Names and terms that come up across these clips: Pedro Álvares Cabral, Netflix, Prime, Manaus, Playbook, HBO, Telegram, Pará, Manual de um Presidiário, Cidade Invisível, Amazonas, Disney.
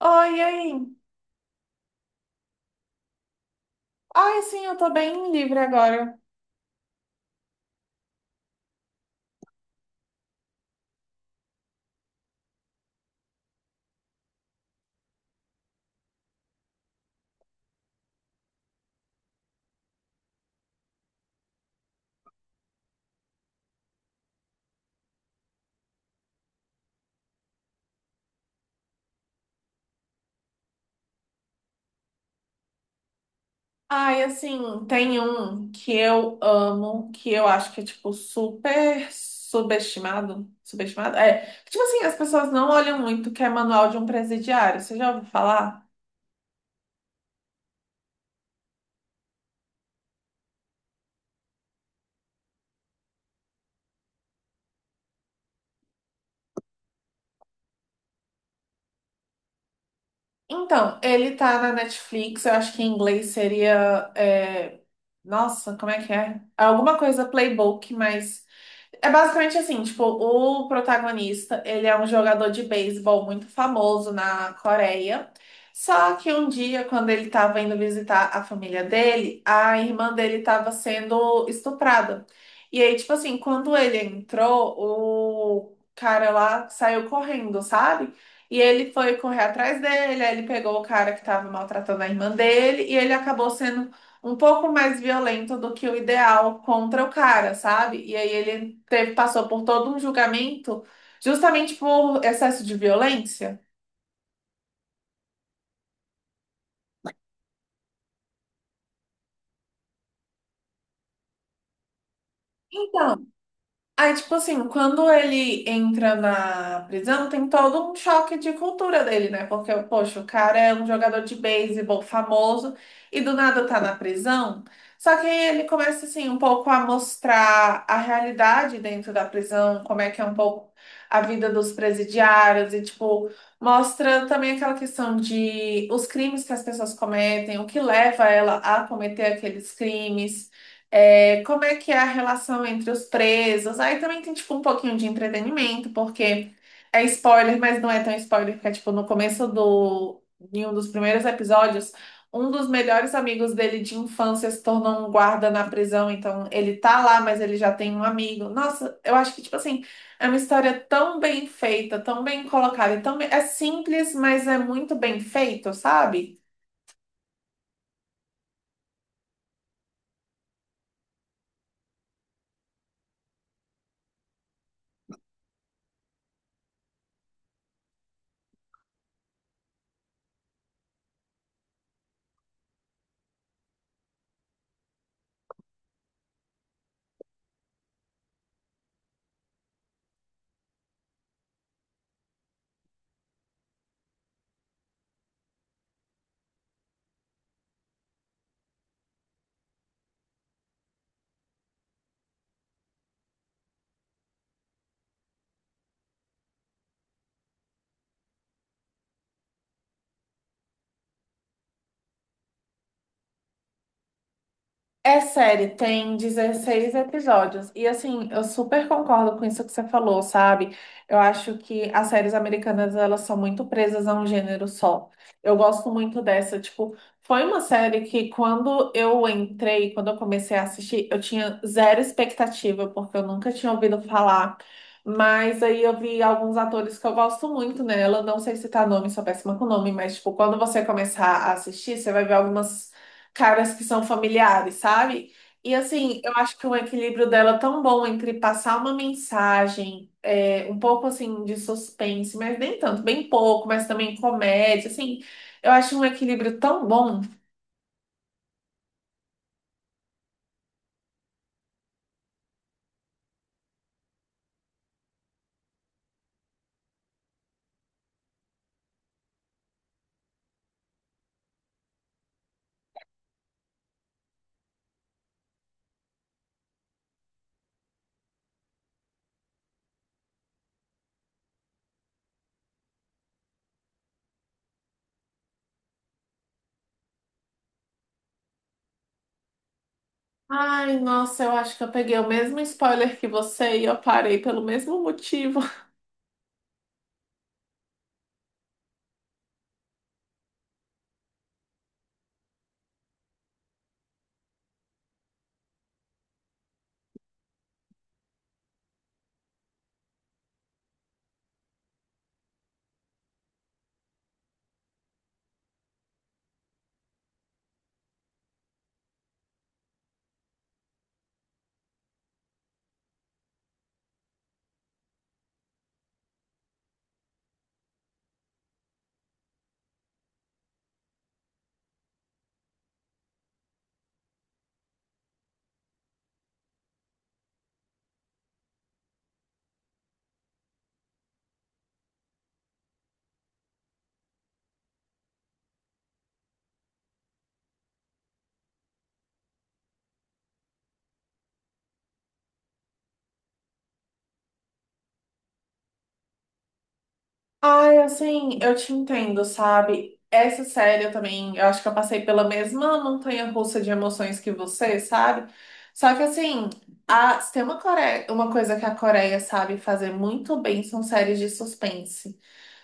Oi, e aí? Ai, sim, eu tô bem livre agora. Ai, assim, tem um que eu amo, que eu acho que é, tipo, super subestimado. Subestimado? É. Tipo assim, as pessoas não olham muito, que é Manual de um Presidiário. Você já ouviu falar? Então, ele tá na Netflix, eu acho que em inglês seria. Nossa, como é que é? É alguma coisa Playbook, mas é basicamente assim, tipo, o protagonista, ele é um jogador de beisebol muito famoso na Coreia. Só que um dia, quando ele estava indo visitar a família dele, a irmã dele estava sendo estuprada. E aí, tipo assim, quando ele entrou, o cara lá saiu correndo, sabe? E ele foi correr atrás dele, aí ele pegou o cara que estava maltratando a irmã dele e ele acabou sendo um pouco mais violento do que o ideal contra o cara, sabe? E aí ele teve, passou por todo um julgamento justamente por excesso de violência. Então, aí, tipo assim, quando ele entra na prisão, tem todo um choque de cultura dele, né? Porque, poxa, o cara é um jogador de beisebol famoso e do nada tá na prisão. Só que aí ele começa, assim, um pouco a mostrar a realidade dentro da prisão, como é que é um pouco a vida dos presidiários e, tipo, mostra também aquela questão de os crimes que as pessoas cometem, o que leva ela a cometer aqueles crimes. É, como é que é a relação entre os presos? Aí também tem, tipo, um pouquinho de entretenimento, porque é spoiler, mas não é tão spoiler, porque, é, tipo, no começo do, em um dos primeiros episódios, um dos melhores amigos dele de infância se tornou um guarda na prisão, então ele tá lá, mas ele já tem um amigo. Nossa, eu acho que, tipo assim, é uma história tão bem feita, tão bem colocada, e tão é simples, mas é muito bem feito, sabe? É série, tem 16 episódios. E assim, eu super concordo com isso que você falou, sabe? Eu acho que as séries americanas, elas são muito presas a um gênero só. Eu gosto muito dessa, tipo, foi uma série que quando eu entrei, quando eu comecei a assistir, eu tinha zero expectativa, porque eu nunca tinha ouvido falar. Mas aí eu vi alguns atores que eu gosto muito nela. Não sei citar nome, sou péssima com nome, mas tipo, quando você começar a assistir, você vai ver algumas caras que são familiares, sabe? E assim, eu acho que o equilíbrio dela é tão bom entre passar uma mensagem, um pouco assim de suspense, mas nem tanto, bem pouco, mas também comédia, assim, eu acho um equilíbrio tão bom. Ai, nossa, eu acho que eu peguei o mesmo spoiler que você e eu parei pelo mesmo motivo. Ai, assim, eu te entendo, sabe? Essa série eu também, eu acho que eu passei pela mesma montanha-russa de emoções que você, sabe? Só que assim, a, se tem uma, Core- uma coisa que a Coreia sabe fazer muito bem, são séries de suspense.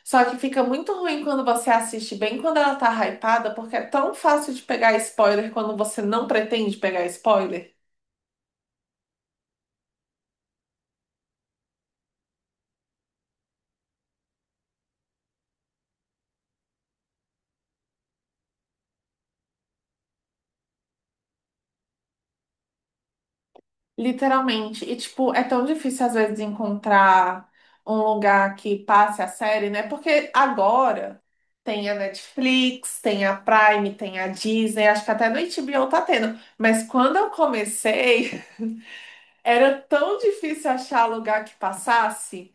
Só que fica muito ruim quando você assiste bem quando ela tá hypada, porque é tão fácil de pegar spoiler quando você não pretende pegar spoiler. Literalmente. E, tipo, é tão difícil às vezes encontrar um lugar que passe a série, né? Porque agora tem a Netflix, tem a Prime, tem a Disney, acho que até no HBO tá tendo. Mas quando eu comecei, era tão difícil achar lugar que passasse.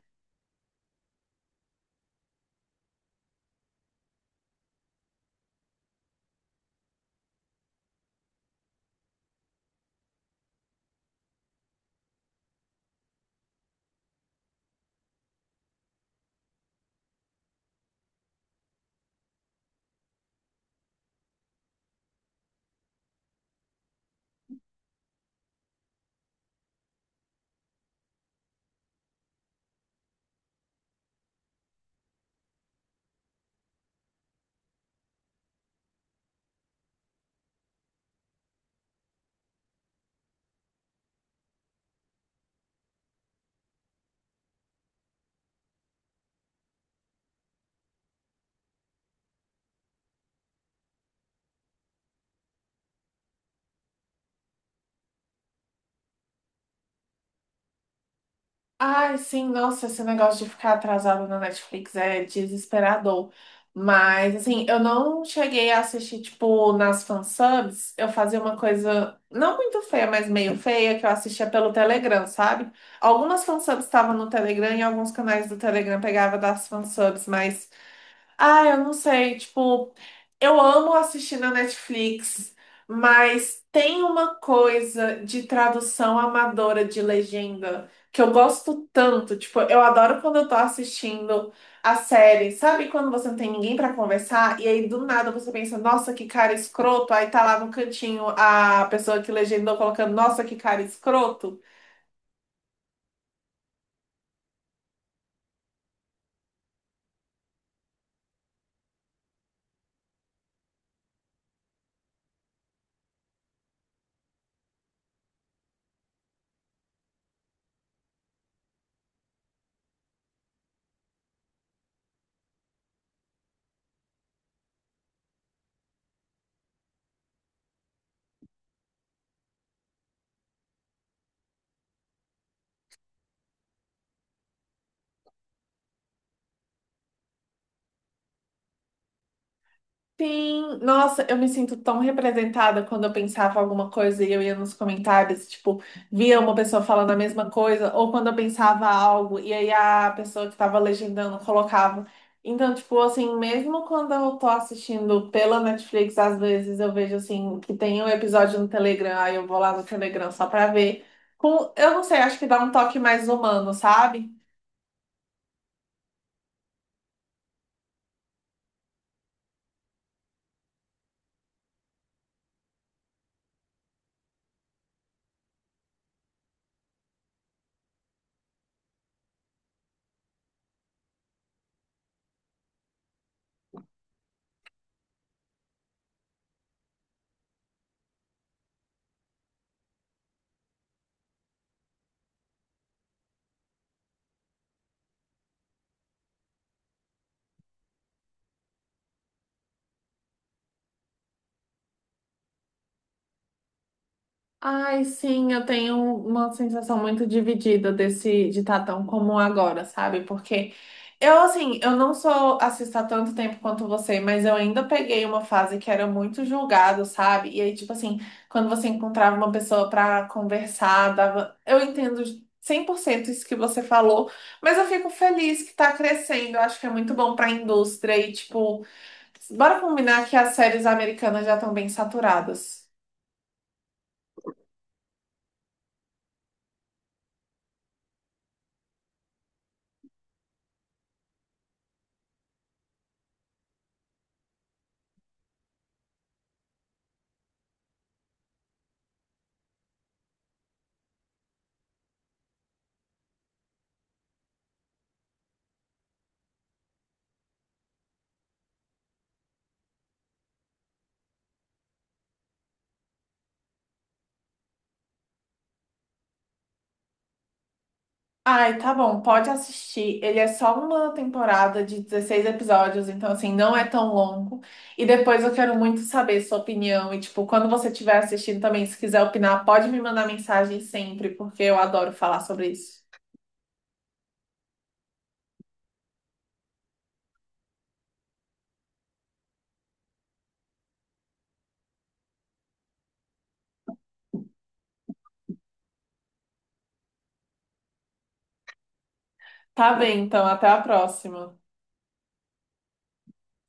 Ai, sim, nossa, esse negócio de ficar atrasado na Netflix é desesperador. Mas, assim, eu não cheguei a assistir, tipo, nas fansubs. Eu fazia uma coisa não muito feia, mas meio feia, que eu assistia pelo Telegram, sabe? Algumas fansubs estavam no Telegram e alguns canais do Telegram pegava das fansubs, mas ah, eu não sei, tipo, eu amo assistir na Netflix, mas tem uma coisa de tradução amadora de legenda que eu gosto tanto, tipo, eu adoro quando eu tô assistindo a série, sabe quando você não tem ninguém pra conversar e aí do nada você pensa, nossa, que cara escroto, aí tá lá no cantinho a pessoa que legendou colocando, nossa, que cara escroto. Sim, nossa, eu me sinto tão representada quando eu pensava alguma coisa e eu ia nos comentários, tipo, via uma pessoa falando a mesma coisa, ou quando eu pensava algo e aí a pessoa que estava legendando colocava. Então, tipo, assim, mesmo quando eu tô assistindo pela Netflix, às vezes eu vejo, assim, que tem um episódio no Telegram, aí eu vou lá no Telegram só pra ver. Com, eu não sei, acho que dá um toque mais humano, sabe? Ai, sim, eu tenho uma sensação muito dividida desse de estar tão comum agora, sabe? Porque eu, assim, eu não sou assista há tanto tempo quanto você, mas eu ainda peguei uma fase que era muito julgado, sabe? E aí, tipo assim, quando você encontrava uma pessoa pra conversar, dava... Eu entendo 100% isso que você falou, mas eu fico feliz que tá crescendo. Eu acho que é muito bom pra indústria e, tipo, bora combinar que as séries americanas já estão bem saturadas. Ai, tá bom, pode assistir. Ele é só uma temporada de 16 episódios, então assim, não é tão longo. E depois eu quero muito saber sua opinião. E tipo, quando você estiver assistindo também, se quiser opinar, pode me mandar mensagem sempre, porque eu adoro falar sobre isso. Tá bem, então, até a próxima.